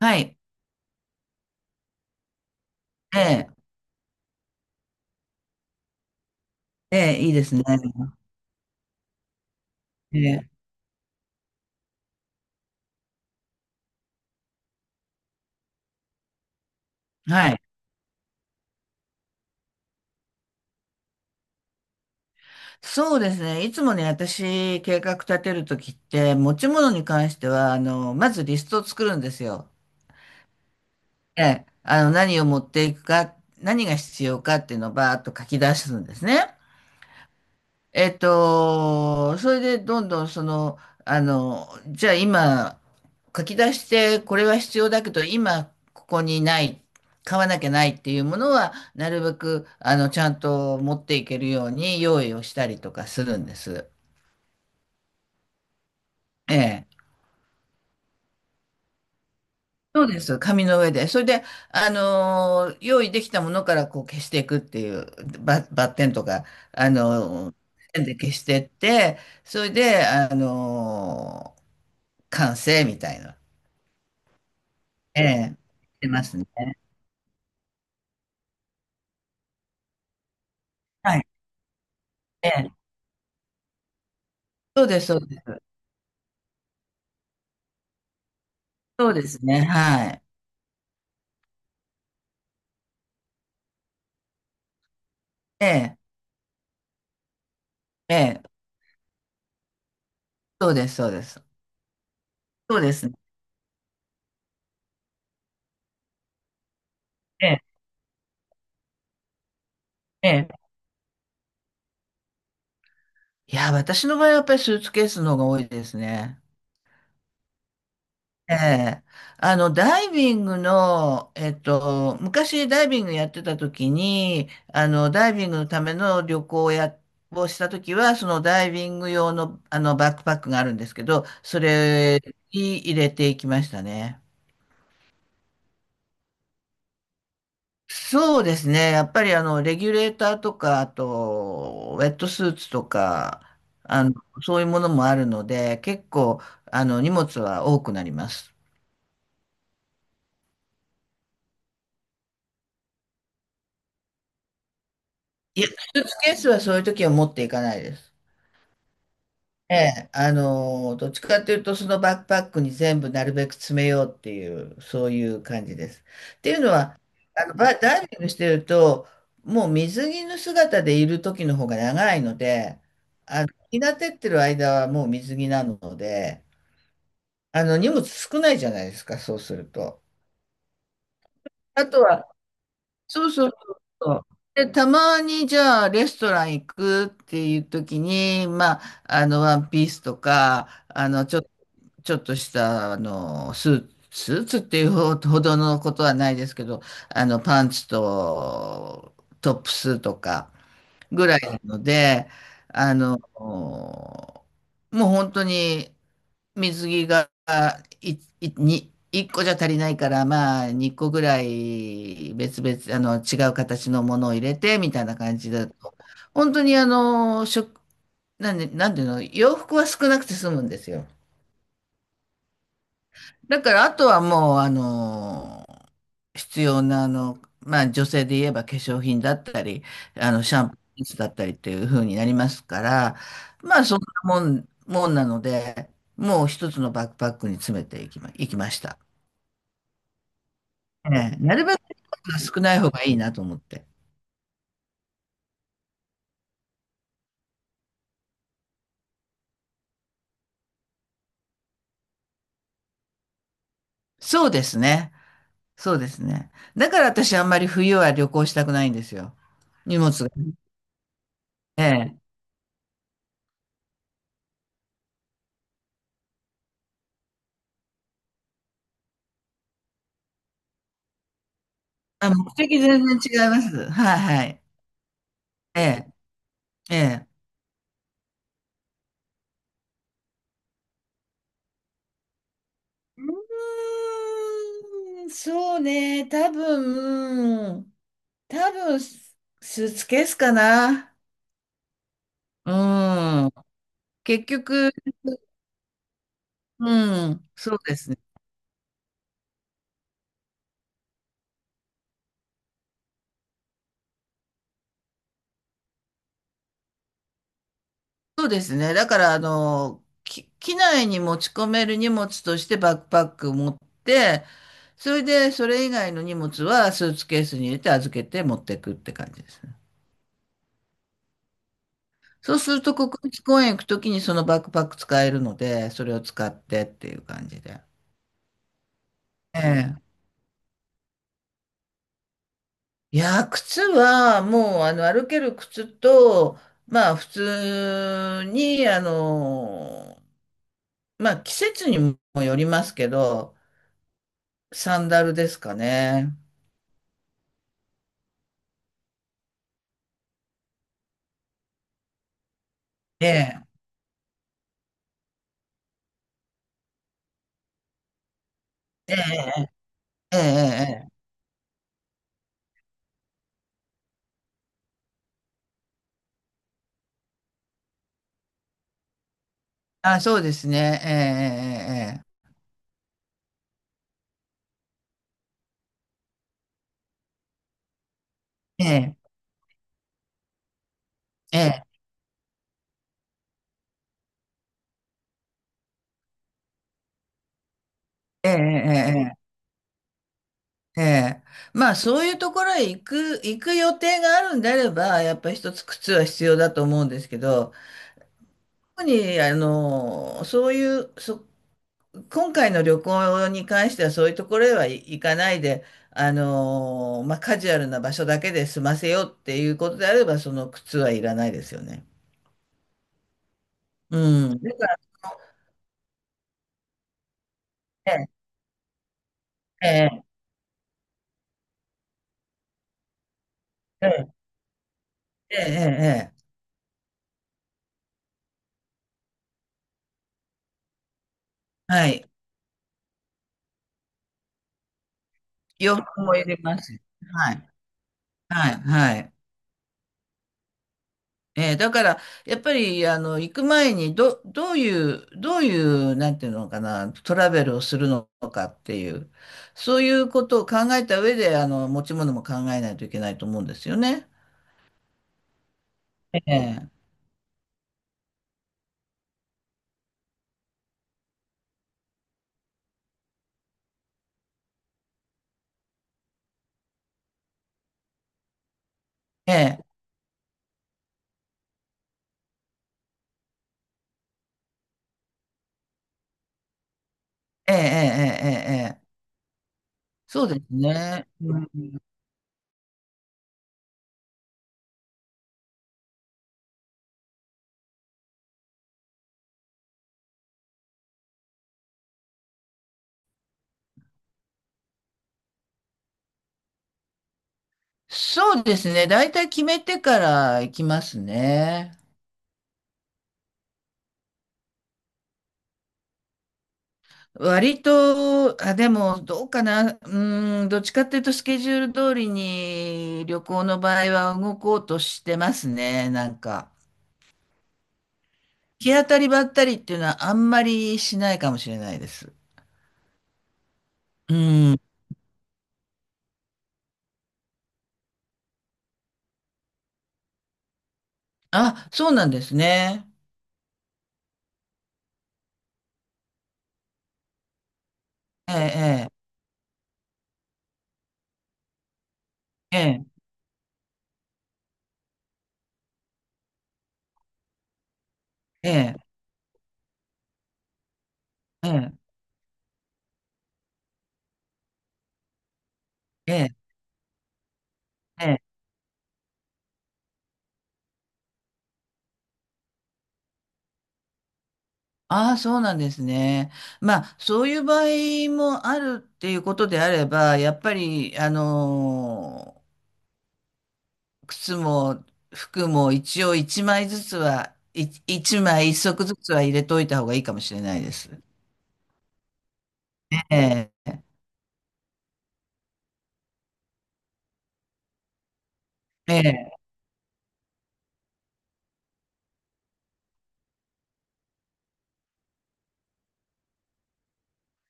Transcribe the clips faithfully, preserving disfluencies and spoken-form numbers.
はい。ええ、ええ、いいですね。ええ、はい。そうですね。いつもね、私、計画立てるときって、持ち物に関しては、あの、まずリストを作るんですよ。ええ、あの、何を持っていくか、何が必要かっていうのをバーッと書き出すんですね。えっと、それでどんどんその、あの、じゃあ今、書き出してこれは必要だけど、今ここにない、買わなきゃないっていうものは、なるべく、あの、ちゃんと持っていけるように用意をしたりとかするんです。ええ。そうです。紙の上で。それで、あの、用意できたものからこう消していくっていう、バ、バッテンとか、あの、ペンで消してって、それで、あの、完成みたいな。ええ、してますね。はい。ええ、そうです、そうです。そうですね。はい。ええ、ええ、そうです、そうです。そうですね。ええ、ええ。いや、私の場合はやっぱりスーツケースの方が多いですね。ええ。あの、ダイビングの、えっと、昔ダイビングやってた時に、あの、ダイビングのための旅行をや、をした時は、そのダイビング用の、あの、バックパックがあるんですけど、それに入れていきましたね。そうですね。やっぱりあの、レギュレーターとか、あと、ウェットスーツとか、あの、そういうものもあるので、結構、あの、荷物は多くなります。いや、スーツケースはそういう時は持っていかないです。ええ、あの、どっちかというと、そのバックパックに全部なるべく詰めようっていう、そういう感じです。っていうのは、あの、バ、ダイビングしてると、もう水着の姿でいる時の方が長いので、あの、日が照ってる間はもう水着なので、あの、荷物少ないじゃないですか、そうすると。あとは、そうそうそうそう。で、たまにじゃあレストラン行くっていう時に、まあ、あの、ワンピースとか、あの、ちょっとちょっとした、あの、スー、スーツっていうほどのことはないですけど、あの、パンツとトップスとかぐらいなので、あの、もう本当に水着がい、い、に、いっこじゃ足りないから、まあ、にこぐらい別々、あの、違う形のものを入れて、みたいな感じだと、本当にあの、食、なんで、なんていうの、洋服は少なくて済むんですよ。だからあとはもう、あのー必要な、あの、まあ女性で言えば化粧品だったり、あの、シャンプーだったりっていう風になりますから、まあそんなもん、もんなので、もう一つのバックパックに詰めていきま、いきました。ええ、なるべく少ない方がいいなと思って。そうですね。そうですね。だから私あんまり冬は旅行したくないんですよ。荷物が。ええ。あ、目的全然違います。はいはい。ええ。ええ。うーん、そうね、多分、多分、ススーツケースかな。うん。結局、うん、そうですね。そうですね。だから、あの、き機内に持ち込める荷物としてバックパック持って、それで、それ以外の荷物はスーツケースに入れて預けて持っていくって感じですね。そうすると、国立公園行くときにそのバックパック使えるので、それを使ってっていう感じで。ええ、いやー、靴はもうあの歩ける靴と、まあ普通に、あのー、まあ季節にもよりますけど、サンダルですかね。ええ、ええ、ええ、ええ。あ、そうですね。ええ、ええ、ええ、ええ、ええ、ええ。ええ、ええ、まあそういうところへ行く、行く予定があるんであれば、やっぱり一つ靴は必要だと思うんですけど、特に、あの、そういう、そ今回の旅行に関してはそういうところへは行かないで、あのーまあ、カジュアルな場所だけで済ませようっていうことであれば、その靴はいらないですよね。うん。だから、ええ、ええ、ええ、ええ、ええ、はい。洋服も入れます。はい、はい、はい。えーだから、やっぱり、あの、行く前に、ど、どういう、どういう、なんていうのかな、トラベルをするのかっていう、そういうことを考えた上で、あの、持ち物も考えないといけないと思うんですよね。ええ、ええ、ええ、ええ、ええ、ええ、そうですね。うん、そうですね。大体決めてから行きますね。割と、あ、でも、どうかな。うん、どっちかっていうと、スケジュール通りに旅行の場合は動こうとしてますね、なんか。行き当たりばったりっていうのはあんまりしないかもしれないです。うん。あ、そうなんですね。ええ、ええ、ええ、ええ、ええ、ええ。ああ、そうなんですね。まあ、そういう場合もあるっていうことであれば、やっぱり、あのー靴も服も一応一枚ずつは、い一枚一足ずつは入れといた方がいいかもしれないです。ええ、ええ、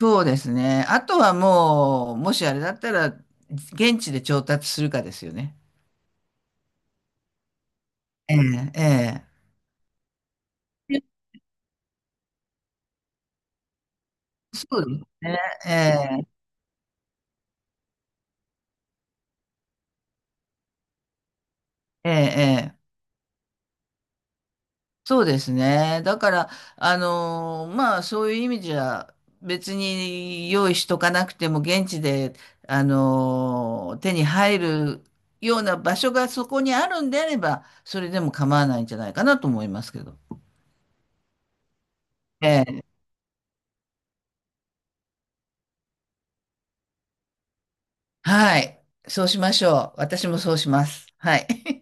そうですね。あとはもう、もしあれだったら、現地で調達するかですよね。ええ、ええ。そうですね。ええ、ええ、え、そうですね。だから、あのーまあ、そういう意味じゃ、別に用意しとかなくても、現地で、あのー手に入るような場所がそこにあるんであれば、それでも構わないんじゃないかなと思いますけど。ええ、はい。そうしましょう。私もそうします。はい。